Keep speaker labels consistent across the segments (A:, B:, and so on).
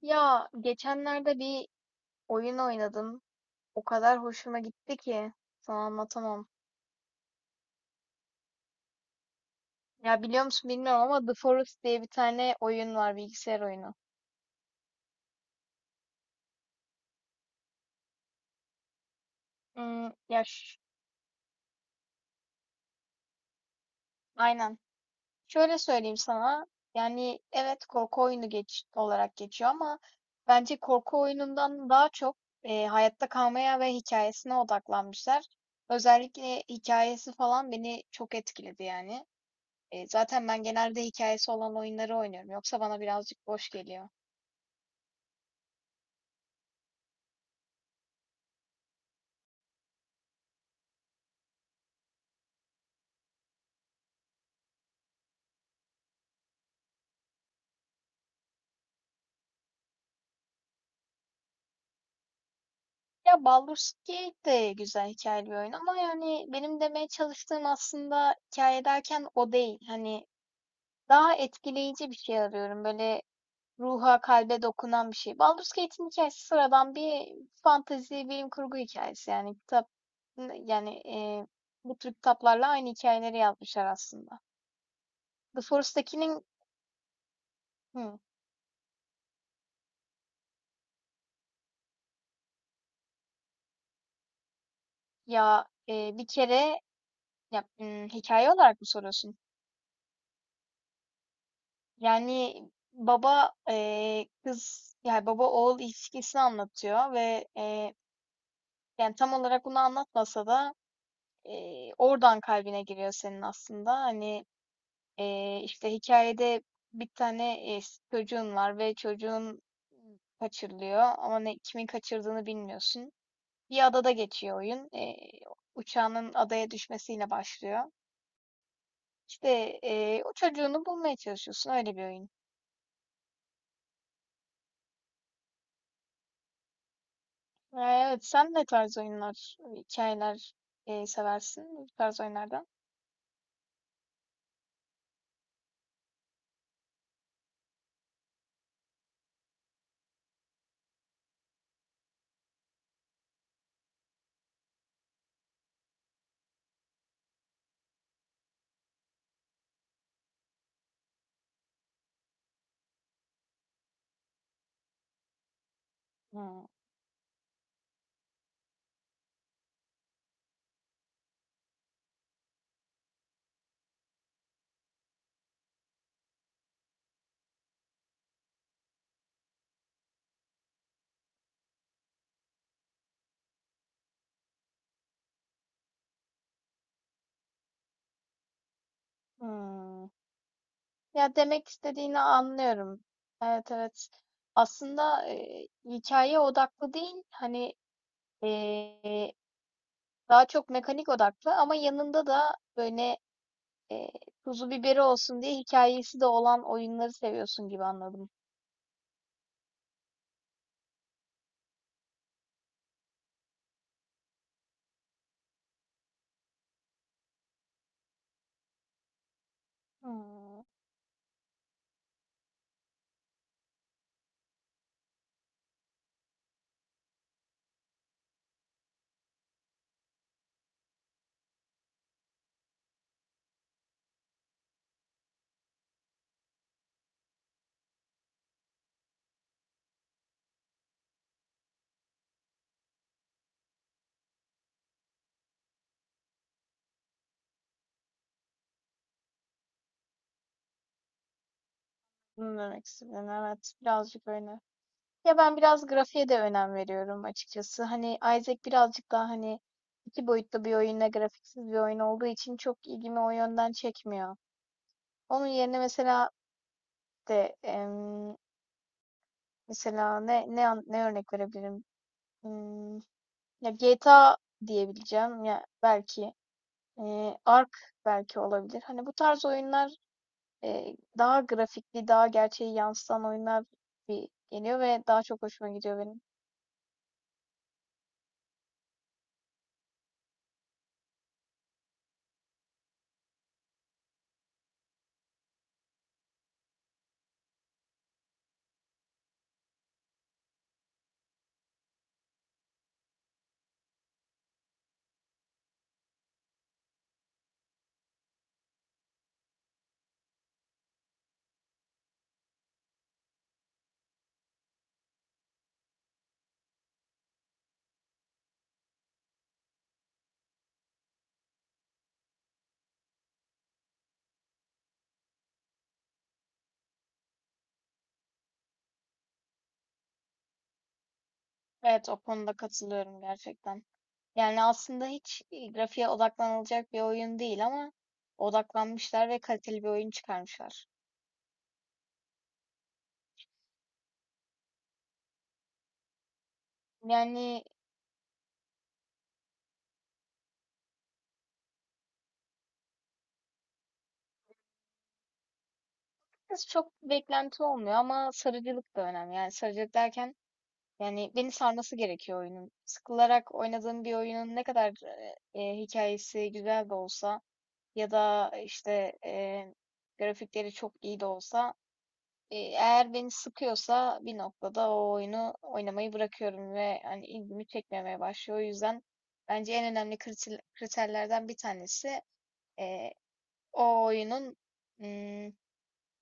A: Ya geçenlerde bir oyun oynadım. O kadar hoşuma gitti ki sana anlatamam. Ya biliyor musun bilmiyorum ama The Forest diye bir tane oyun var, bilgisayar oyunu. Hmm, aynen. Şöyle söyleyeyim sana. Yani evet, korku oyunu geç olarak geçiyor ama bence korku oyunundan daha çok hayatta kalmaya ve hikayesine odaklanmışlar. Özellikle hikayesi falan beni çok etkiledi yani. Zaten ben genelde hikayesi olan oyunları oynuyorum. Yoksa bana birazcık boş geliyor. Ya Baldur's Gate de güzel hikayeli bir oyun ama yani benim demeye çalıştığım aslında hikâye derken o değil. Hani daha etkileyici bir şey arıyorum. Böyle ruha, kalbe dokunan bir şey. Baldur's Gate'in hikayesi sıradan bir fantezi, bilim kurgu hikayesi. Yani kitap yani, bu tür kitaplarla aynı hikayeleri yazmışlar aslında. The Forest'takinin. Hı. Ya, bir kere. Ya, hikâye olarak mı soruyorsun? Yani, baba, kız, yani, baba oğul ilişkisini anlatıyor ve, yani, tam olarak bunu anlatmasa da, oradan kalbine giriyor senin aslında. Hani, işte, hikayede bir tane, çocuğun var ve çocuğun kaçırılıyor ama ne, kimin kaçırdığını bilmiyorsun. Bir adada geçiyor oyun. Uçağının adaya düşmesiyle başlıyor. İşte, o çocuğunu bulmaya çalışıyorsun. Öyle bir oyun. Evet, sen ne tarz oyunlar, hikayeler seversin bu tarz oyunlardan? Hmm, hmm. Ya demek istediğini anlıyorum. Evet, evet. Aslında hikaye odaklı değil, hani e, daha çok mekanik odaklı ama yanında da böyle e, tuzu biberi olsun diye hikayesi de olan oyunları seviyorsun gibi anladım. Hmm, bunu demek istediğin evet, birazcık öyle. Ya ben biraz grafiğe de önem veriyorum açıkçası. Hani Isaac birazcık daha, hani iki boyutlu bir oyunla grafiksiz bir oyun olduğu için çok ilgimi o yönden çekmiyor. Onun yerine mesela de em, mesela ne örnek verebilirim? Hmm, ya GTA diyebileceğim, ya belki Ark belki olabilir. Hani bu tarz oyunlar, daha grafikli, daha gerçeği yansıtan oyunlar bir geliyor ve daha çok hoşuma gidiyor benim. Evet, o konuda katılıyorum gerçekten. Yani aslında hiç grafiğe odaklanılacak bir oyun değil ama odaklanmışlar ve kaliteli bir oyun çıkarmışlar. Yani biraz çok beklenti olmuyor ama sarıcılık da önemli. Yani sarıcılık derken, yani beni sarması gerekiyor oyunun. Sıkılarak oynadığım bir oyunun ne kadar hikayesi güzel de olsa, ya da işte grafikleri çok iyi de olsa, eğer beni sıkıyorsa bir noktada, o oyunu oynamayı bırakıyorum ve hani ilgimi çekmemeye başlıyor. O yüzden bence en önemli kriterlerden bir tanesi, eee, o oyunun, mm,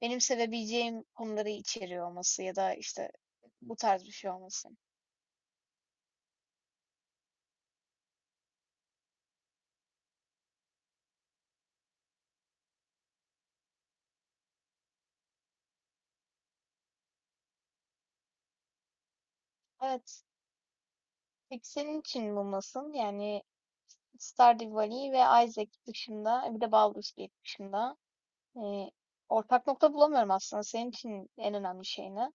A: benim sevebileceğim konuları içeriyor olması ya da işte bu tarz bir şey olması. Evet. Peki senin için bu nasıl? Yani Stardew Valley ve Isaac dışında, bir de Baldur's Gate dışında, eee, ortak nokta bulamıyorum aslında. Senin için en önemli şey ne?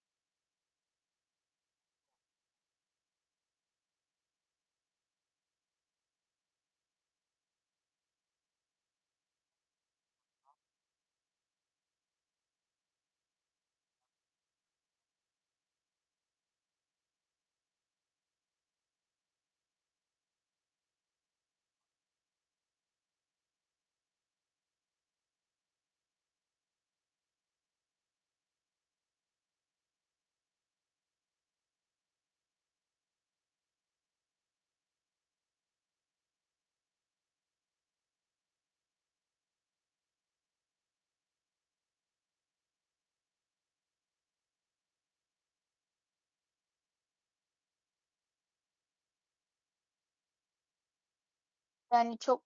A: Yani çok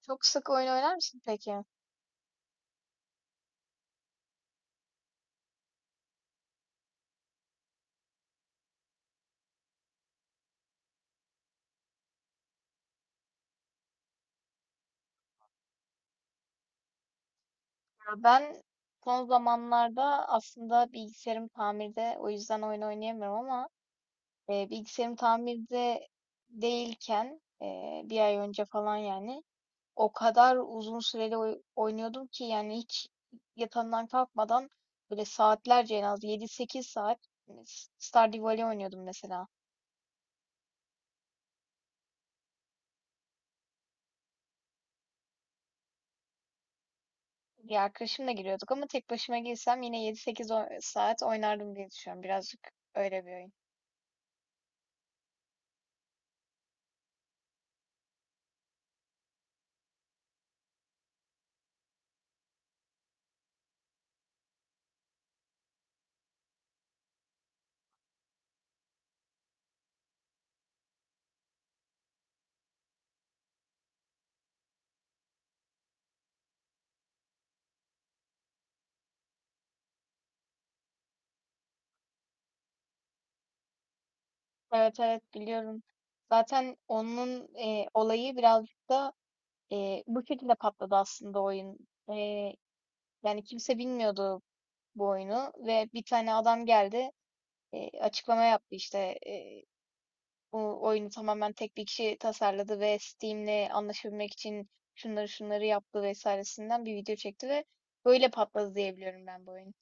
A: Çok sık oyun oynar mısın peki? Ya ben son zamanlarda aslında bilgisayarım tamirde, o yüzden oyun oynayamıyorum ama bilgisayarım tamirde değilken, bir ay önce falan, yani o kadar uzun süreli oynuyordum ki, yani hiç yatağımdan kalkmadan, böyle saatlerce, en az 7-8 saat, hani, Stardew Valley oynuyordum mesela. Bir arkadaşımla giriyorduk ama tek başıma girsem yine yedi sekiz saat oynardım diye düşünüyorum. Birazcık öyle bir oyun. Evet, evet biliyorum. Zaten onun olayı birazcık da bu şekilde patladı aslında oyun. E, Yani kimse bilmiyordu bu oyunu ve bir tane adam geldi, açıklama yaptı işte, e, bu oyunu tamamen tek bir kişi tasarladı ve Steam'le anlaşabilmek için şunları şunları yaptı vesairesinden bir video çekti ve böyle patladı, diyebiliyorum ben bu oyun.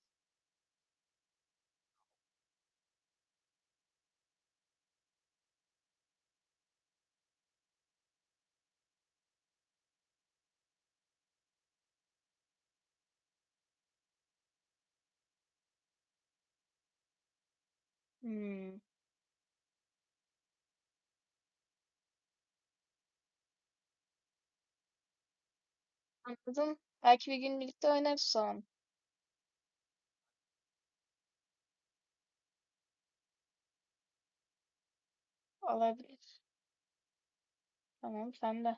A: Hmm, anladım. Belki bir gün birlikte oynarız o zaman. Olabilir. Tamam, sen de.